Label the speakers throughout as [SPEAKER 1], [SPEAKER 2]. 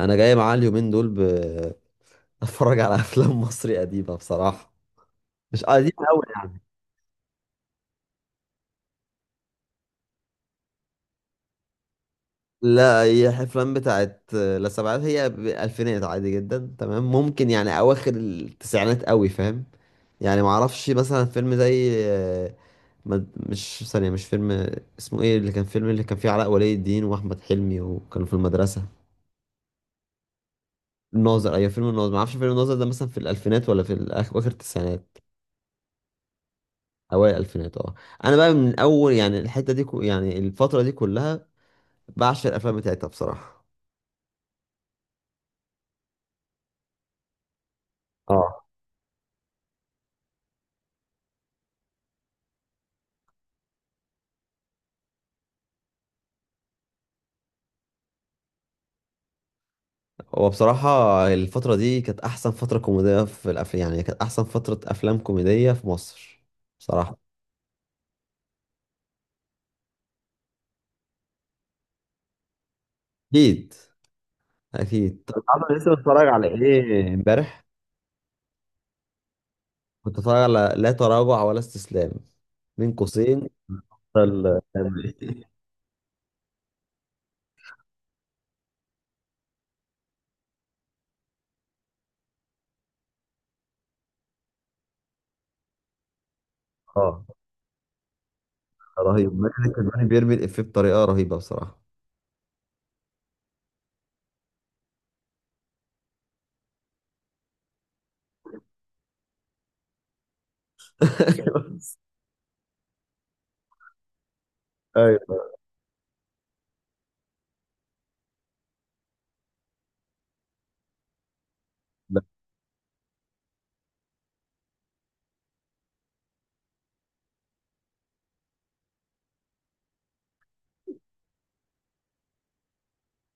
[SPEAKER 1] انا جاي معاه اليومين دول اتفرج على افلام مصري قديمه بصراحه. مش قديمه قوي يعني. لا، هي افلام بتاعت لا سبعات، هي الفينات عادي جدا، تمام، ممكن يعني اواخر التسعينات، قوي فاهم. يعني ما اعرفش مثلا فيلم زي مش ثانيه، مش فيلم اسمه ايه اللي كان فيلم اللي كان فيه علاء ولي الدين واحمد حلمي وكانوا في المدرسه. الناظر، ايوه، فيلم الناظر. ما اعرفش فيلم الناظر ده مثلا في الالفينات ولا في اواخر التسعينات. اوائل الالفينات، اه. انا بقى من اول يعني الحته دي كو، يعني الفتره دي كلها بعشق الافلام بتاعتها بصراحه. اه. هو بصراحه الفتره دي كانت احسن فتره كوميديه في الافلام، يعني كانت احسن فتره افلام كوميديه في مصر بصراحه. اكيد، اكيد. طب عارف انا لسه بتفرج على ايه امبارح؟ كنت بتفرج على لا تراجع ولا استسلام، بين قوسين. ال- اه، رهيب. ماجد الكدواني بيرمي الافيه بطريقه رهيبه بصراحه. ايوه،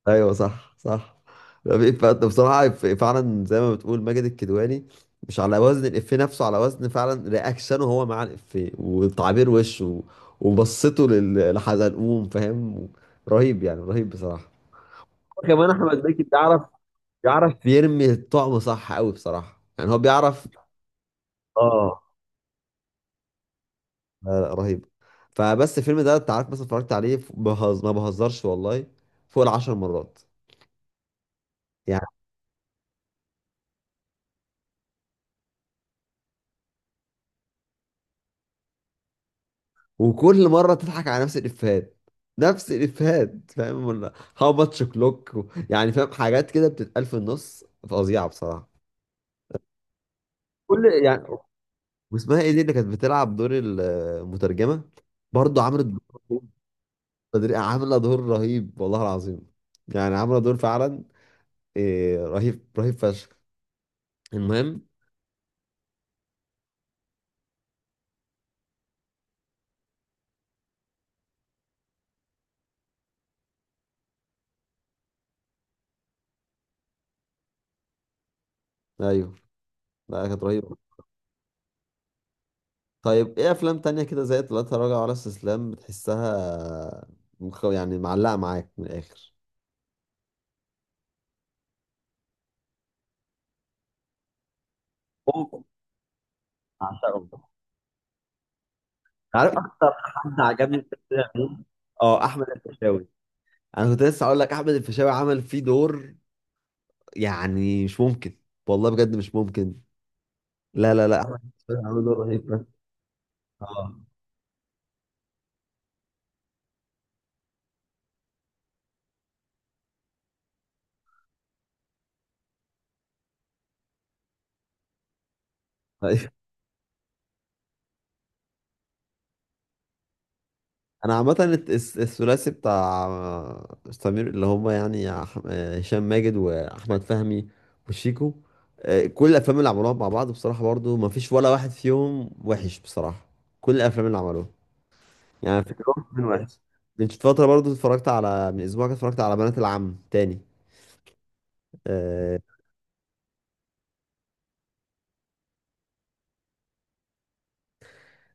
[SPEAKER 1] ايوه، صح صح. لا، في بصراحه فعلا زي ما بتقول ماجد الكدواني، مش على وزن الإفيه نفسه، على وزن فعلا رياكشنه هو مع الإفيه وتعبير وشه وبصته لحزلقوم فاهم. رهيب يعني، رهيب بصراحه. كمان احمد مكي بيعرف يرمي الطعم صح قوي بصراحه، يعني هو بيعرف. اه. لا لا، رهيب. فبس الفيلم ده انت عارف مثلا اتفرجت عليه ما بهزرش والله، فوق العشر مرات. وكل مره تضحك على نفس الافيهات، نفس الافيهات فاهم، ولا هاو ماتش كلوك يعني، فاهم، حاجات كده بتتقال في النص فظيعه بصراحه. كل يعني. واسمها ايه دي اللي كانت بتلعب دور المترجمه؟ برضه عملت دور رهيب. عامله دور رهيب والله العظيم. يعني عامله دور فعلا إيه، رهيب، رهيب فشخ. المهم. ايوه، لا كانت رهيبه. طيب ايه افلام تانية كده زي لا تراجع ولا استسلام بتحسها يعني معلقه معاك من الاخر؟ بعشقه. عارف اكتر حد عجبني في الفيلم عموماً؟ اه، احمد الفيشاوي. انا كنت لسه اقول لك احمد الفيشاوي عمل فيه دور يعني مش ممكن، والله بجد مش ممكن. لا لا لا، احمد الفيشاوي عمل دور رهيب. اه، أيوة. انا عامه الثلاثي بتاع سمير اللي هم يعني هشام ماجد واحمد فهمي وشيكو. كل الافلام اللي عملوها مع بعض بصراحه برضو ما فيش ولا واحد فيهم وحش بصراحه. كل الافلام اللي عملوها يعني فكرهم من واحد. من فترة برضو اتفرجت، على من اسبوع كده اتفرجت على بنات العم تاني، آه.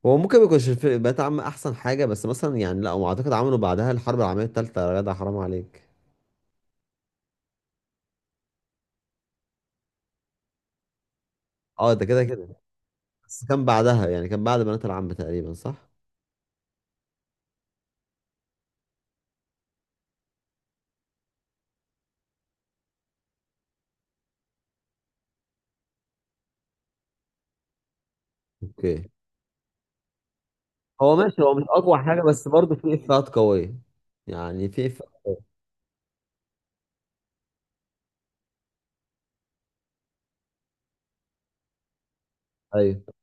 [SPEAKER 1] هو ممكن ما يكونش بنات العم احسن حاجة، بس مثلا يعني لا هو اعتقد عملوا بعدها الحرب العالمية التالتة يا جدع حرام عليك. اه، ده كده كده. بس كان بعدها يعني، كان بعد بنات العم تقريبا صح؟ اوكي. هو ماشي، هو مش اقوى حاجة بس برضو في افيهات قوية، يعني في افيهات قوية. ايوه،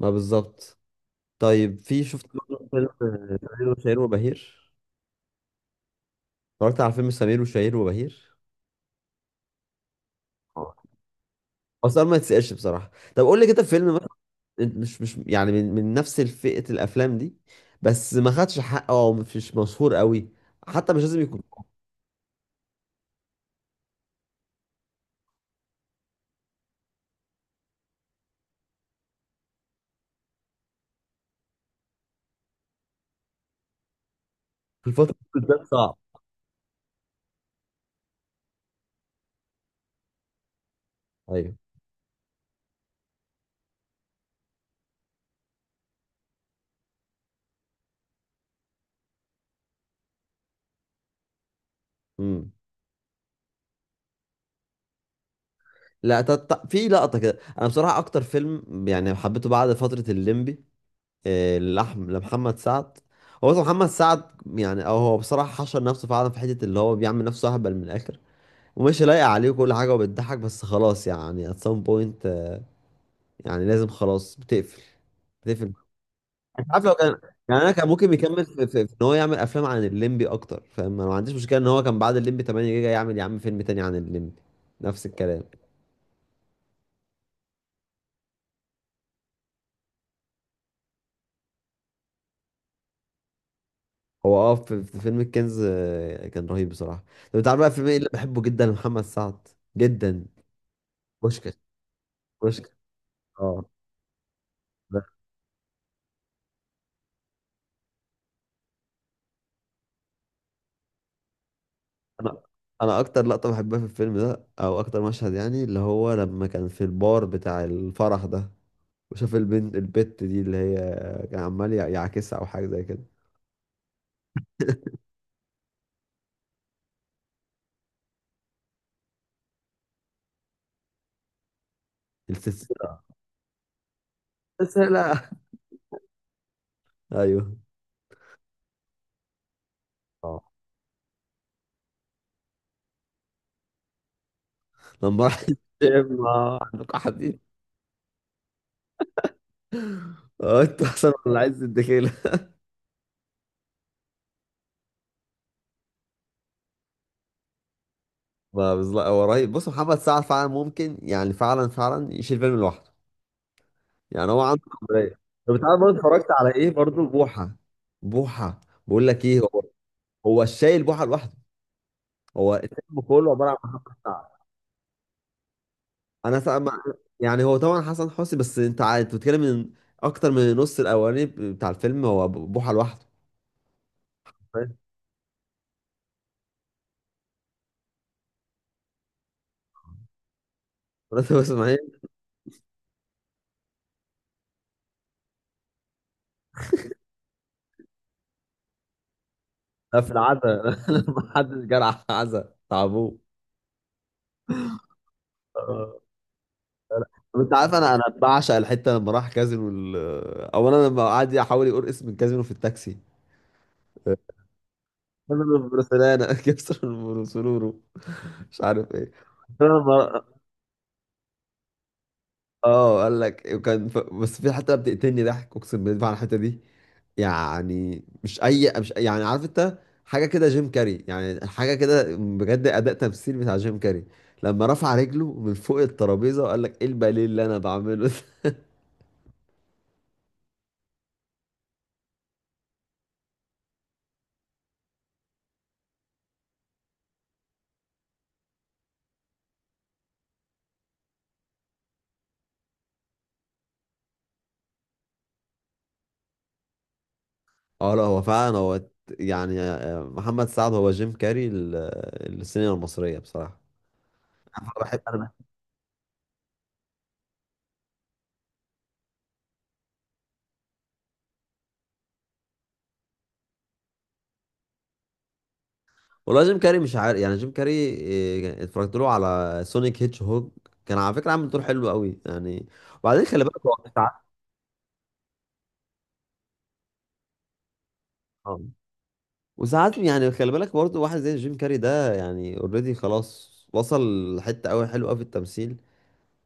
[SPEAKER 1] ما بالظبط. طيب في شفت برضو فيلم سمير وشهير وبهير. اتفرجت على فيلم سمير وشهير وبهير. هو السؤال ما يتسألش بصراحة. طب قول لي كده فيلم مثلا انت مش يعني من نفس فئة الأفلام دي بس ما خدش حقه أو مش مشهور قوي، حتى مش لازم يكون في الفترة دي ده صعب. أيوه. امم لا، في لقطة كده، أنا بصراحة أكتر فيلم يعني حبيته بعد فترة الليمبي لمحمد سعد. هو أصلا محمد سعد يعني، أو هو بصراحة حشر نفسه فعلا في حتة اللي هو بيعمل نفسه أهبل من الآخر ومش لايق عليه كل حاجة، وبتضحك بس خلاص يعني at some point. يعني لازم خلاص بتقفل. انت عارف لو كان يعني، انا كان ممكن يكمل في ان هو يعمل افلام عن الليمبي اكتر فاهم، انا ما عنديش مشكله ان هو كان بعد الليمبي 8 جيجا يعمل يا عم فيلم تاني عن الليمبي. نفس الكلام. هو في فيلم الكنز كان رهيب بصراحه. طب انت عارف بقى فيلم ايه اللي بحبه جدا لمحمد سعد؟ جدا. بوشكاش. بوشكاش. اه، ده. انا انا اكتر لقطه بحبها في الفيلم ده، او اكتر مشهد يعني، اللي هو لما كان في البار بتاع الفرح ده وشاف البنت البت دي اللي هي، كان عمال يعاكسها او حاجه زي كده. السلسله، السلسله. ايوه. اه، لما راح الجيم. عندك قاعدين. اه، انت احسن ولا عايز الدخيله. ما بالظبط، هو رهيب. بص محمد سعد فعلا ممكن يعني، فعلا فعلا يشيل فيلم لوحده، يعني هو عنده قابليه. طب انت عارف برضه اتفرجت على ايه؟ برضه بوحه. بوحه. بقول لك ايه، هو هو الشايل بوحه لوحده. هو الفيلم كله عباره عن محمد سعد. انا سا... ما- يعني هو طبعا حسن حسني، بس انت انت بتتكلم من اكتر من نص الاولاني بتاع الفيلم، هو بوحه لوحده. فاهم. مرات اسماعيل. لا، في العزا لما حد جرح عزا تعبوه. آه. طب انت عارف انا بعشق الحته لما راح كازينو اولا لما قعد يحاول يقول اسم الكازينو في التاكسي، كازينو برسلانا كسر برسلورو مش عارف ايه. انا اه قال لك وكان بس في حتة بتقتلني ضحك، اقسم بالله على الحتة دي. يعني مش اي مش، يعني عارف انت، حاجة كده جيم كاري، يعني حاجة كده بجد اداء تمثيل بتاع جيم كاري لما رفع رجله من فوق الترابيزة وقال لك ايه الباليه اللي انا بعمله ده. اه، لا هو فعلا هو يعني محمد سعد هو جيم كاري السينما المصرية بصراحة. أنا بحب انا. والله جيم كاري مش عارف يعني، جيم كاري إيه، اتفرجت له على سونيك هيتش هوج، كان على فكره عامل دور حلو قوي يعني. وبعدين خلي بالك هو ساعات. آه. وساعات يعني، خلي بالك برضه، واحد زي جيم كاري ده يعني اوريدي خلاص وصل لحته قوي حلوه قوي في التمثيل،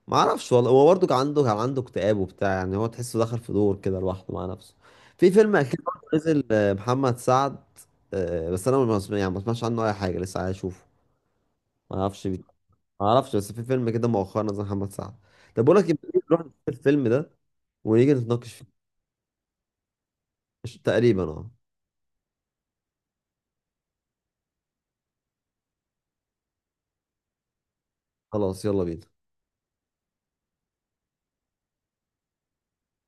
[SPEAKER 1] ما اعرفش والله. هو برضه كان عنده اكتئاب وبتاع، يعني هو تحسه دخل في دور كده لوحده مع نفسه. في فيلم اخير برضه نزل محمد سعد. بس انا ما سمع- يعني ما سمعتش عنه اي حاجه، لسه عايز اشوفه. ما اعرفش ما اعرفش بس في فيلم كده مؤخرا نزل محمد سعد. طب بقول لك إيه، نروح نشوف الفيلم ده ونيجي نتناقش فيه. تقريبا اه. خلاص يلا بينا.